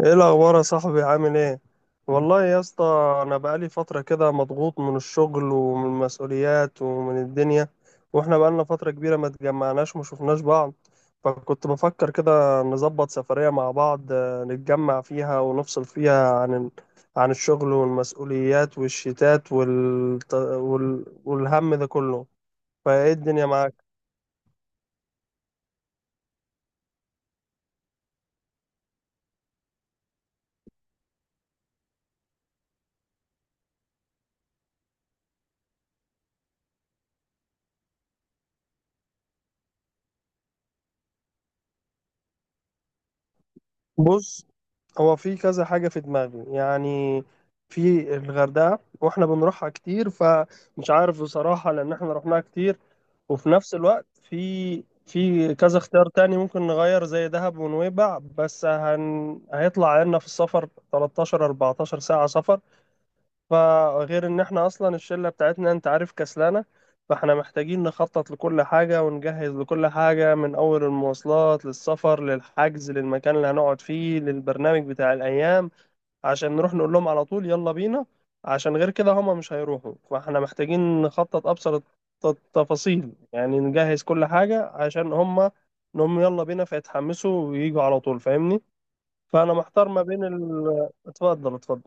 ايه الاخبار يا صاحبي؟ عامل ايه؟ والله يا اسطى، انا بقالي فتره كده مضغوط من الشغل ومن المسؤوليات ومن الدنيا. واحنا بقالنا فتره كبيره ما اتجمعناش وما شفناش بعض. فكنت بفكر كده نظبط سفريه مع بعض، نتجمع فيها ونفصل فيها عن الشغل والمسؤوليات والشتات والهم ده كله. فايه الدنيا معاك؟ بص، هو في كذا حاجة في دماغي يعني. في الغردقة واحنا بنروحها كتير، فمش عارف بصراحة لأن احنا رحناها كتير. وفي نفس الوقت في كذا اختيار تاني ممكن نغير، زي دهب ونويبع، بس هيطلع عنا في السفر 13 14 ساعة سفر. فغير ان احنا اصلا الشله بتاعتنا انت عارف كسلانه. فاحنا محتاجين نخطط لكل حاجه ونجهز لكل حاجه، من اول المواصلات للسفر للحجز للمكان اللي هنقعد فيه للبرنامج بتاع الايام، عشان نروح نقول لهم على طول يلا بينا. عشان غير كده هما مش هيروحوا، فاحنا محتاجين نخطط ابسط التفاصيل يعني، نجهز كل حاجه عشان هما انهم يلا بينا فيتحمسوا ويجوا على طول، فاهمني؟ فانا محتار ما بين اتفضل اتفضل.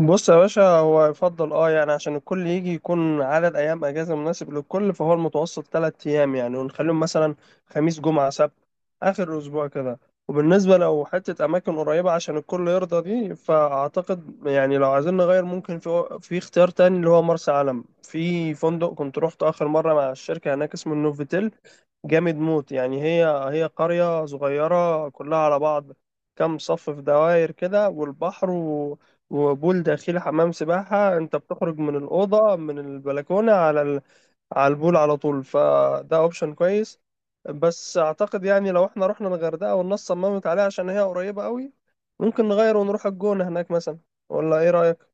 بص يا باشا، هو يفضل اه يعني عشان الكل يجي يكون عدد ايام اجازه مناسب للكل، فهو المتوسط ثلاث ايام يعني، ونخليهم مثلا خميس جمعه سبت، اخر اسبوع كده. وبالنسبه لو حته اماكن قريبه عشان الكل يرضى دي، فاعتقد يعني لو عايزين نغير ممكن في اختيار تاني، اللي هو مرسى علم، في فندق كنت روحته اخر مره مع الشركه هناك اسمه النوفيتيل. جامد موت يعني، هي قرية صغيرة كلها على بعض، كام صف في دوائر كده والبحر، وبول داخلي حمام سباحة، انت بتخرج من الأوضة من البلكونة على البول على طول. فده اوبشن كويس. بس اعتقد يعني لو احنا رحنا الغردقة والناس صممت عليها عشان هي قريبة قوي، ممكن نغير ونروح الجونة هناك مثلا. ولا ايه رأيك؟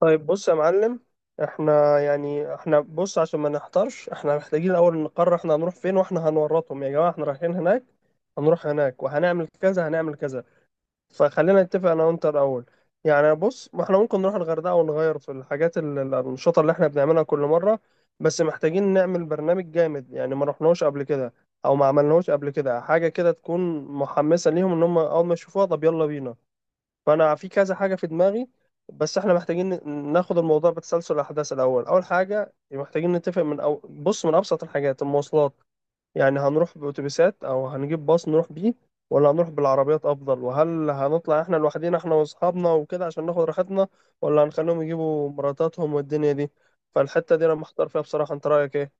طيب بص يا معلم. احنا يعني، احنا بص، عشان ما نحتارش احنا محتاجين الاول نقرر احنا هنروح فين، واحنا هنورطهم يا جماعة احنا رايحين هناك، هنروح هناك وهنعمل كذا هنعمل كذا. فخلينا نتفق انا وانت الاول. يعني بص، ما احنا ممكن نروح الغردقه ونغير في الحاجات الانشطه اللي احنا بنعملها كل مره. بس محتاجين نعمل برنامج جامد يعني، ما رحناش قبل كده او ما عملناهوش قبل كده، حاجه كده تكون محمسه ليهم ان هم اول ما يشوفوها طب يلا بينا. فانا في كذا حاجه في دماغي. بس احنا محتاجين ناخد الموضوع بتسلسل الاحداث. الاول اول حاجه محتاجين نتفق من، أو بص، من ابسط الحاجات المواصلات. يعني هنروح بأتوبيسات أو هنجيب باص نروح بيه، ولا هنروح بالعربيات أفضل؟ وهل هنطلع إحنا لوحدينا إحنا وأصحابنا وكده عشان ناخد راحتنا، ولا هنخليهم يجيبوا مراتاتهم والدنيا دي؟ فالحتة دي أنا محتار فيها بصراحة، أنت رأيك إيه؟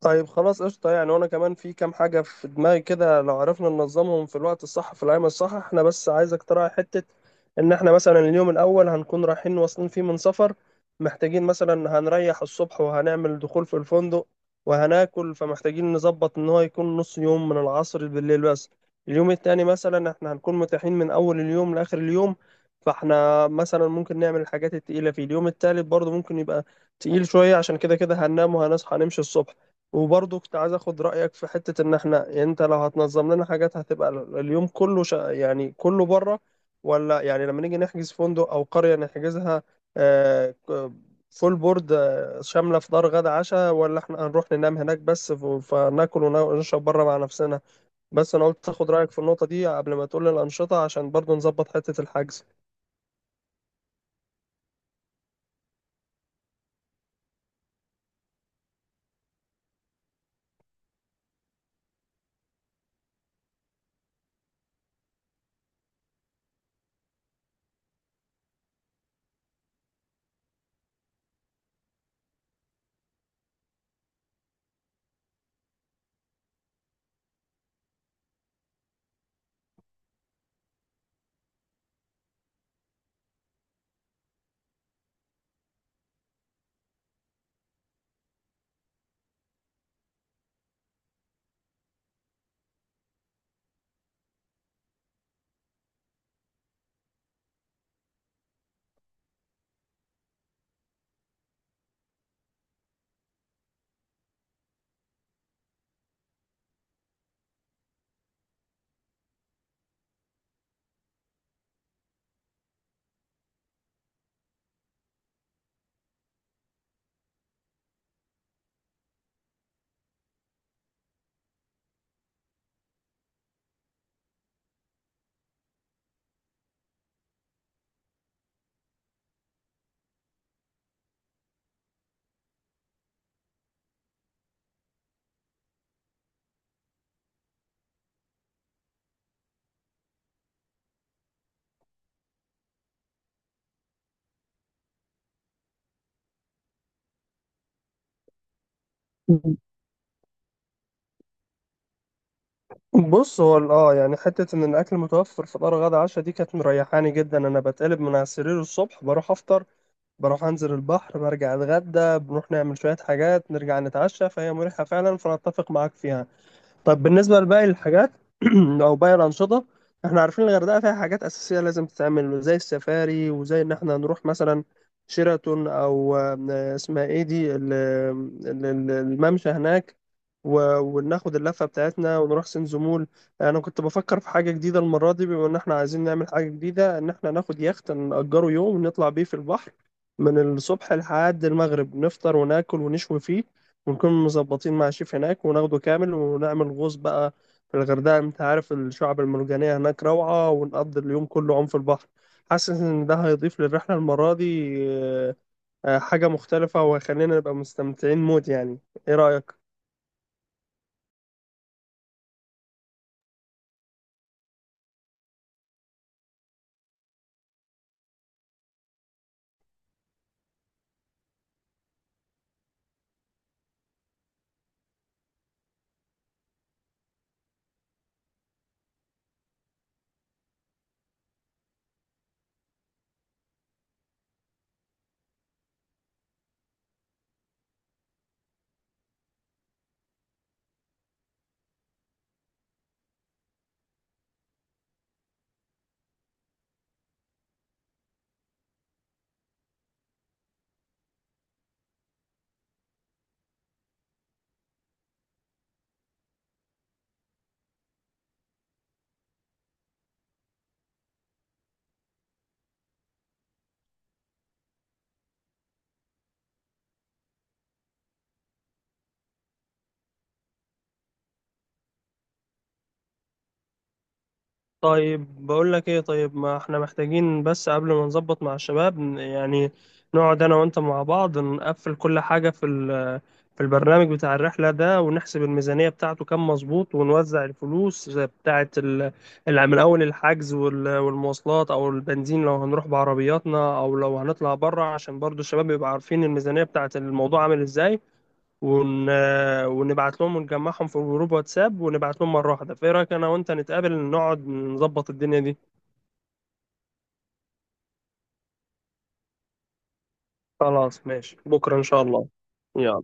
طيب خلاص قشطة يعني. وأنا كمان في كام حاجة في دماغي كده، لو عرفنا ننظمهم في الوقت الصح في الأيام الصح. احنا بس عايز اقتراح حتة إن احنا مثلا اليوم الأول هنكون رايحين واصلين فيه من سفر، محتاجين مثلا هنريح الصبح وهنعمل دخول في الفندق وهناكل، فمحتاجين نظبط إن هو يكون نص يوم من العصر بالليل بس. اليوم التاني مثلا احنا هنكون متاحين من أول اليوم لآخر اليوم، فاحنا مثلا ممكن نعمل الحاجات التقيلة فيه. اليوم التالت برضه ممكن يبقى تقيل شوية عشان كده كده هننام وهنصحى نمشي الصبح. وبرضه كنت عايز اخد رايك في حته، ان احنا يعني انت لو هتنظم لنا حاجات هتبقى اليوم كله يعني كله بره، ولا يعني لما نيجي نحجز فندق او قريه نحجزها آه، ك- فول بورد، شامله فطار غدا عشاء، ولا احنا هنروح ننام هناك بس فناكل ونشرب بره مع نفسنا؟ بس انا قلت اخد رايك في النقطه دي قبل ما تقول لي الانشطه عشان برضه نظبط حته الحجز. بص، هو يعني حتة إن الأكل متوفر فطار غدا عشاء دي كانت مريحاني جدا. أنا بتقلب من على السرير الصبح بروح أفطر، بروح انزل البحر برجع اتغدى، بنروح نعمل شوية حاجات نرجع نتعشى، فهي مريحة فعلا، فانا اتفق معاك فيها. طب بالنسبة لباقي الحاجات أو باقي الأنشطة، إحنا عارفين الغردقة فيها حاجات أساسية لازم تتعمل زي السفاري، وزي إن إحنا نروح مثلا شيراتون، أو اسمها إيه دي الممشى هناك، وناخد اللفة بتاعتنا ونروح سنزمول. أنا كنت بفكر في حاجة جديدة المرة دي، بما إن إحنا عايزين نعمل حاجة جديدة، إن إحنا ناخد يخت نأجره يوم ونطلع بيه في البحر من الصبح لحد المغرب. نفطر وناكل ونشوي فيه، ونكون مظبطين مع شيف هناك وناخده كامل، ونعمل غوص بقى في الغردقة. انت عارف الشعب المرجانية هناك روعة، ونقضي اليوم كله عم في البحر. حاسس ان ده هيضيف للرحلة المرة دي حاجة مختلفة، وهيخلينا نبقى مستمتعين موت يعني. ايه رأيك؟ طيب بقول لك ايه، طيب ما احنا محتاجين بس قبل ما نظبط مع الشباب، يعني نقعد انا وانت مع بعض نقفل كل حاجة في البرنامج بتاع الرحلة ده، ونحسب الميزانية بتاعته كام مظبوط ونوزع الفلوس زي بتاعة من أول الحجز والمواصلات أو البنزين لو هنروح بعربياتنا أو لو هنطلع بره، عشان برضو الشباب يبقى عارفين الميزانية بتاعة الموضوع عامل إزاي. ون... ونبعت لهم ونجمعهم في جروب واتساب ونبعت لهم مرة واحدة. فإيه رأيك أنا وأنت نتقابل نقعد نظبط الدنيا دي؟ خلاص ماشي بكرة إن شاء الله. يلا.